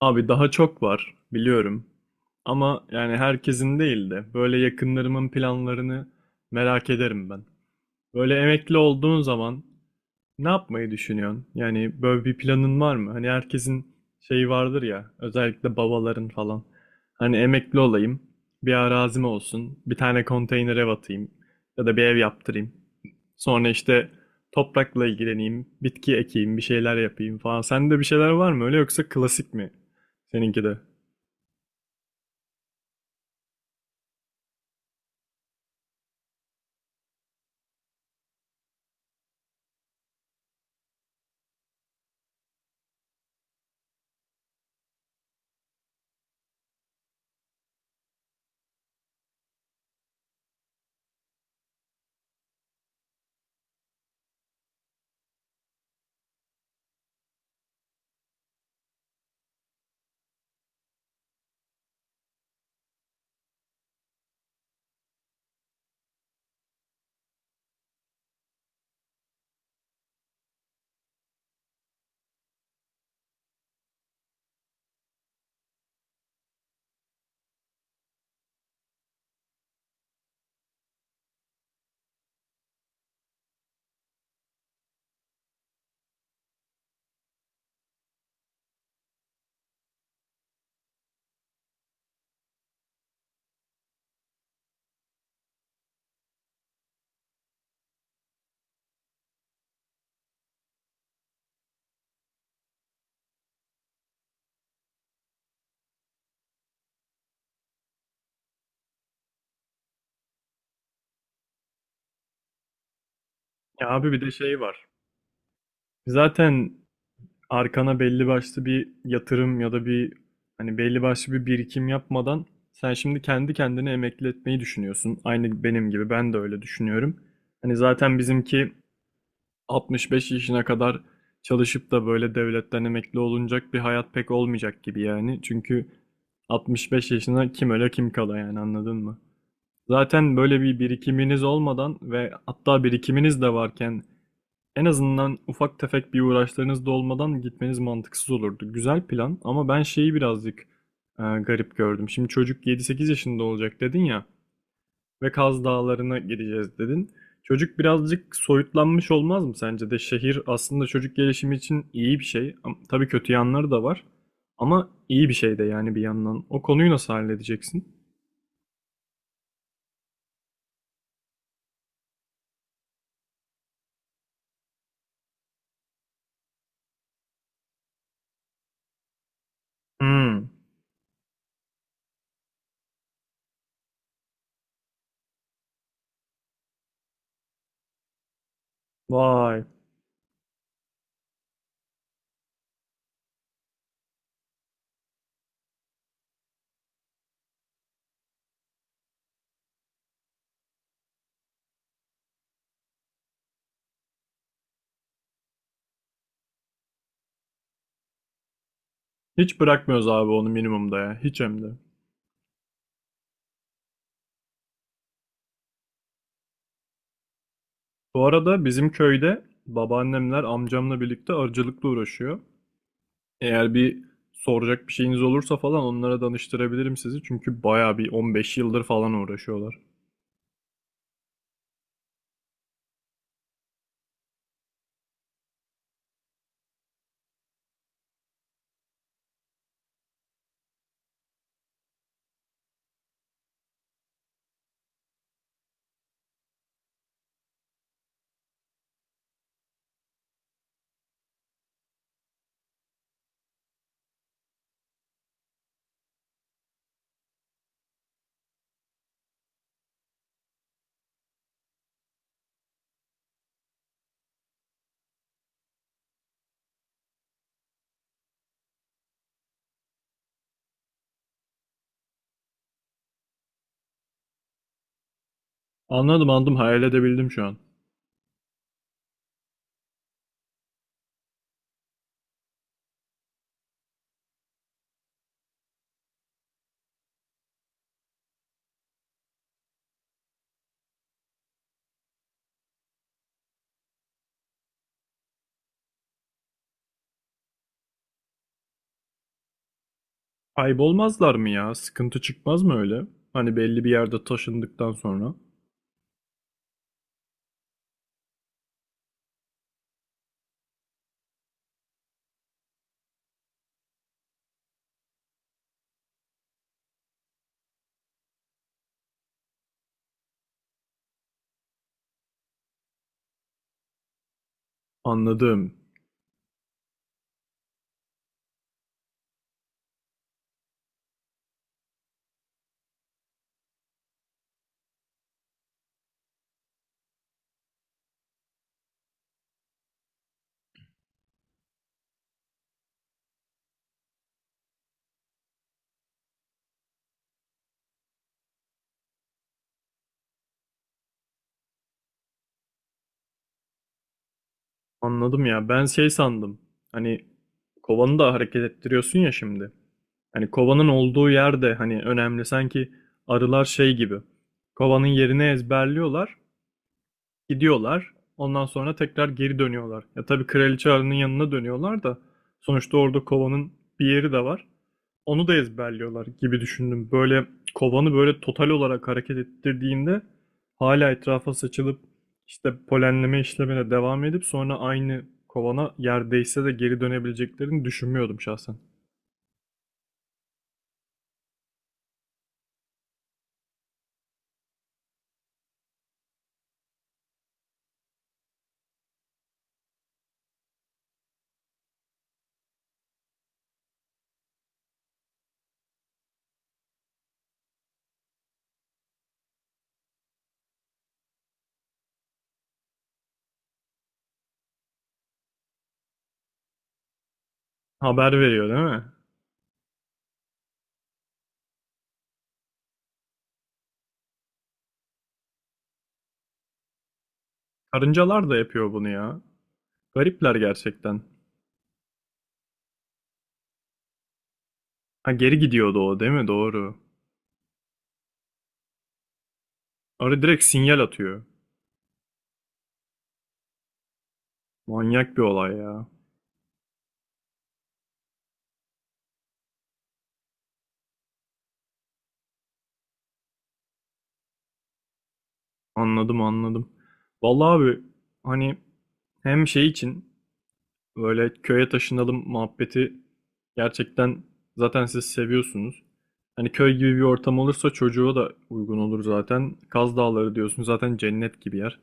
Abi daha çok var biliyorum. Ama yani herkesin değil de böyle yakınlarımın planlarını merak ederim ben. Böyle emekli olduğun zaman ne yapmayı düşünüyorsun? Yani böyle bir planın var mı? Hani herkesin şeyi vardır ya, özellikle babaların falan. Hani emekli olayım, bir arazim olsun, bir tane konteyner ev atayım ya da bir ev yaptırayım. Sonra işte toprakla ilgileneyim, bitki ekeyim, bir şeyler yapayım falan. Sende bir şeyler var mı öyle yoksa klasik mi seninki de? Ya abi bir de şey var. Zaten arkana belli başlı bir yatırım ya da bir hani belli başlı bir birikim yapmadan sen şimdi kendi kendine emekli etmeyi düşünüyorsun. Aynı benim gibi ben de öyle düşünüyorum. Hani zaten bizimki 65 yaşına kadar çalışıp da böyle devletten emekli olunacak bir hayat pek olmayacak gibi yani. Çünkü 65 yaşına kim öle kim kala yani anladın mı? Zaten böyle bir birikiminiz olmadan ve hatta birikiminiz de varken en azından ufak tefek bir uğraşlarınız da olmadan gitmeniz mantıksız olurdu. Güzel plan ama ben şeyi birazcık garip gördüm. Şimdi çocuk 7-8 yaşında olacak dedin ya ve Kaz Dağları'na gideceğiz dedin. Çocuk birazcık soyutlanmış olmaz mı sence de? Şehir aslında çocuk gelişimi için iyi bir şey. Tabii kötü yanları da var ama iyi bir şey de yani bir yandan. O konuyu nasıl halledeceksin? Hmm, vay. Hiç bırakmıyoruz abi onu minimumda ya. Hiç hem de. Bu arada bizim köyde babaannemler amcamla birlikte arıcılıkla uğraşıyor. Eğer bir soracak bir şeyiniz olursa falan onlara danıştırabilirim sizi. Çünkü bayağı bir 15 yıldır falan uğraşıyorlar. Anladım anladım hayal edebildim şu an. Kaybolmazlar mı ya? Sıkıntı çıkmaz mı öyle? Hani belli bir yerde taşındıktan sonra. Anladım. Anladım ya. Ben şey sandım. Hani kovanı da hareket ettiriyorsun ya şimdi. Hani kovanın olduğu yerde hani önemli sanki arılar şey gibi. Kovanın yerini ezberliyorlar. Gidiyorlar. Ondan sonra tekrar geri dönüyorlar. Ya tabii Kraliçe Arı'nın yanına dönüyorlar da sonuçta orada kovanın bir yeri de var. Onu da ezberliyorlar gibi düşündüm. Böyle kovanı böyle total olarak hareket ettirdiğinde hala etrafa saçılıp işte polenleme işlemine devam edip sonra aynı kovana yerdeyse de geri dönebileceklerini düşünmüyordum şahsen. Haber veriyor değil mi? Karıncalar da yapıyor bunu ya. Garipler gerçekten. Ha geri gidiyordu o değil mi? Doğru. Arı direkt sinyal atıyor. Manyak bir olay ya. Anladım anladım. Vallahi abi hani hem şey için böyle köye taşınalım muhabbeti gerçekten zaten siz seviyorsunuz. Hani köy gibi bir ortam olursa çocuğa da uygun olur zaten. Kaz Dağları diyorsun zaten cennet gibi yer.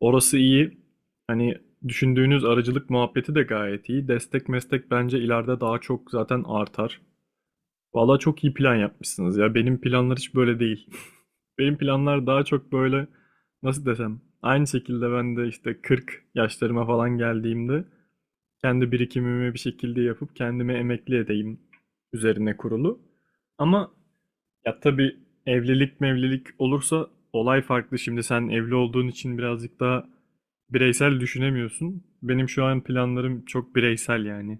Orası iyi. Hani düşündüğünüz arıcılık muhabbeti de gayet iyi. Destek meslek bence ileride daha çok zaten artar. Vallahi çok iyi plan yapmışsınız ya. Benim planlar hiç böyle değil. Benim planlar daha çok böyle nasıl desem aynı şekilde ben de işte 40 yaşlarıma falan geldiğimde kendi birikimimi bir şekilde yapıp kendimi emekli edeyim üzerine kurulu. Ama ya tabii evlilik mevlilik olursa olay farklı. Şimdi sen evli olduğun için birazcık daha bireysel düşünemiyorsun. Benim şu an planlarım çok bireysel yani.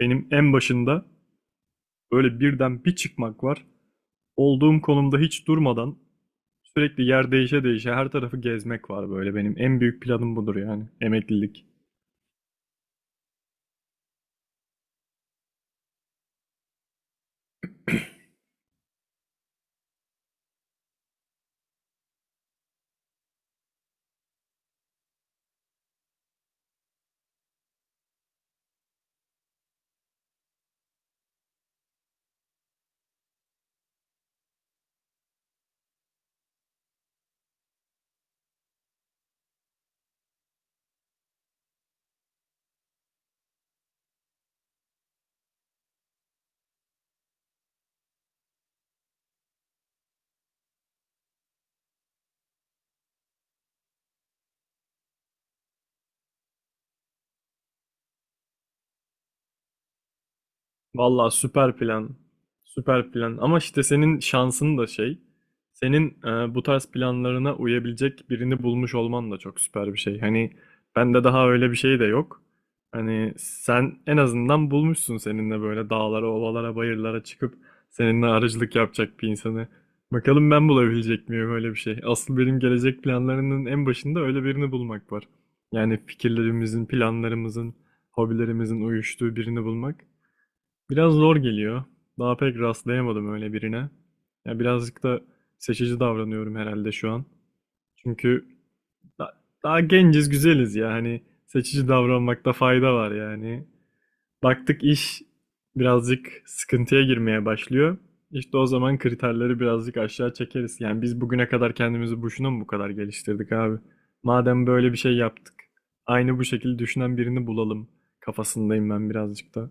Benim en başında böyle birden bir çıkmak var olduğum konumda hiç durmadan sürekli yer değişe değişe her tarafı gezmek var böyle benim en büyük planım budur yani emeklilik. Valla süper plan. Süper plan. Ama işte senin şansın da şey. Senin bu tarz planlarına uyabilecek birini bulmuş olman da çok süper bir şey. Hani bende daha öyle bir şey de yok. Hani sen en azından bulmuşsun seninle böyle dağlara, ovalara, bayırlara çıkıp seninle arıcılık yapacak bir insanı. Bakalım ben bulabilecek miyim öyle bir şey. Asıl benim gelecek planlarının en başında öyle birini bulmak var. Yani fikirlerimizin, planlarımızın, hobilerimizin uyuştuğu birini bulmak. Biraz zor geliyor. Daha pek rastlayamadım öyle birine. Ya birazcık da seçici davranıyorum herhalde şu an. Çünkü daha genciz, güzeliz ya. Hani seçici davranmakta fayda var yani. Baktık iş birazcık sıkıntıya girmeye başlıyor. İşte o zaman kriterleri birazcık aşağı çekeriz. Yani biz bugüne kadar kendimizi boşuna mı bu kadar geliştirdik abi? Madem böyle bir şey yaptık, aynı bu şekilde düşünen birini bulalım kafasındayım ben birazcık da.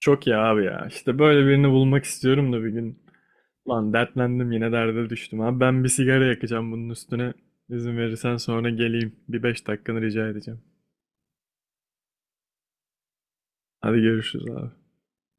Çok iyi abi ya. İşte böyle birini bulmak istiyorum da bir gün. Lan dertlendim yine derde düştüm abi. Ben bir sigara yakacağım bunun üstüne. İzin verirsen sonra geleyim. Bir 5 dakikanı rica edeceğim. Hadi görüşürüz abi.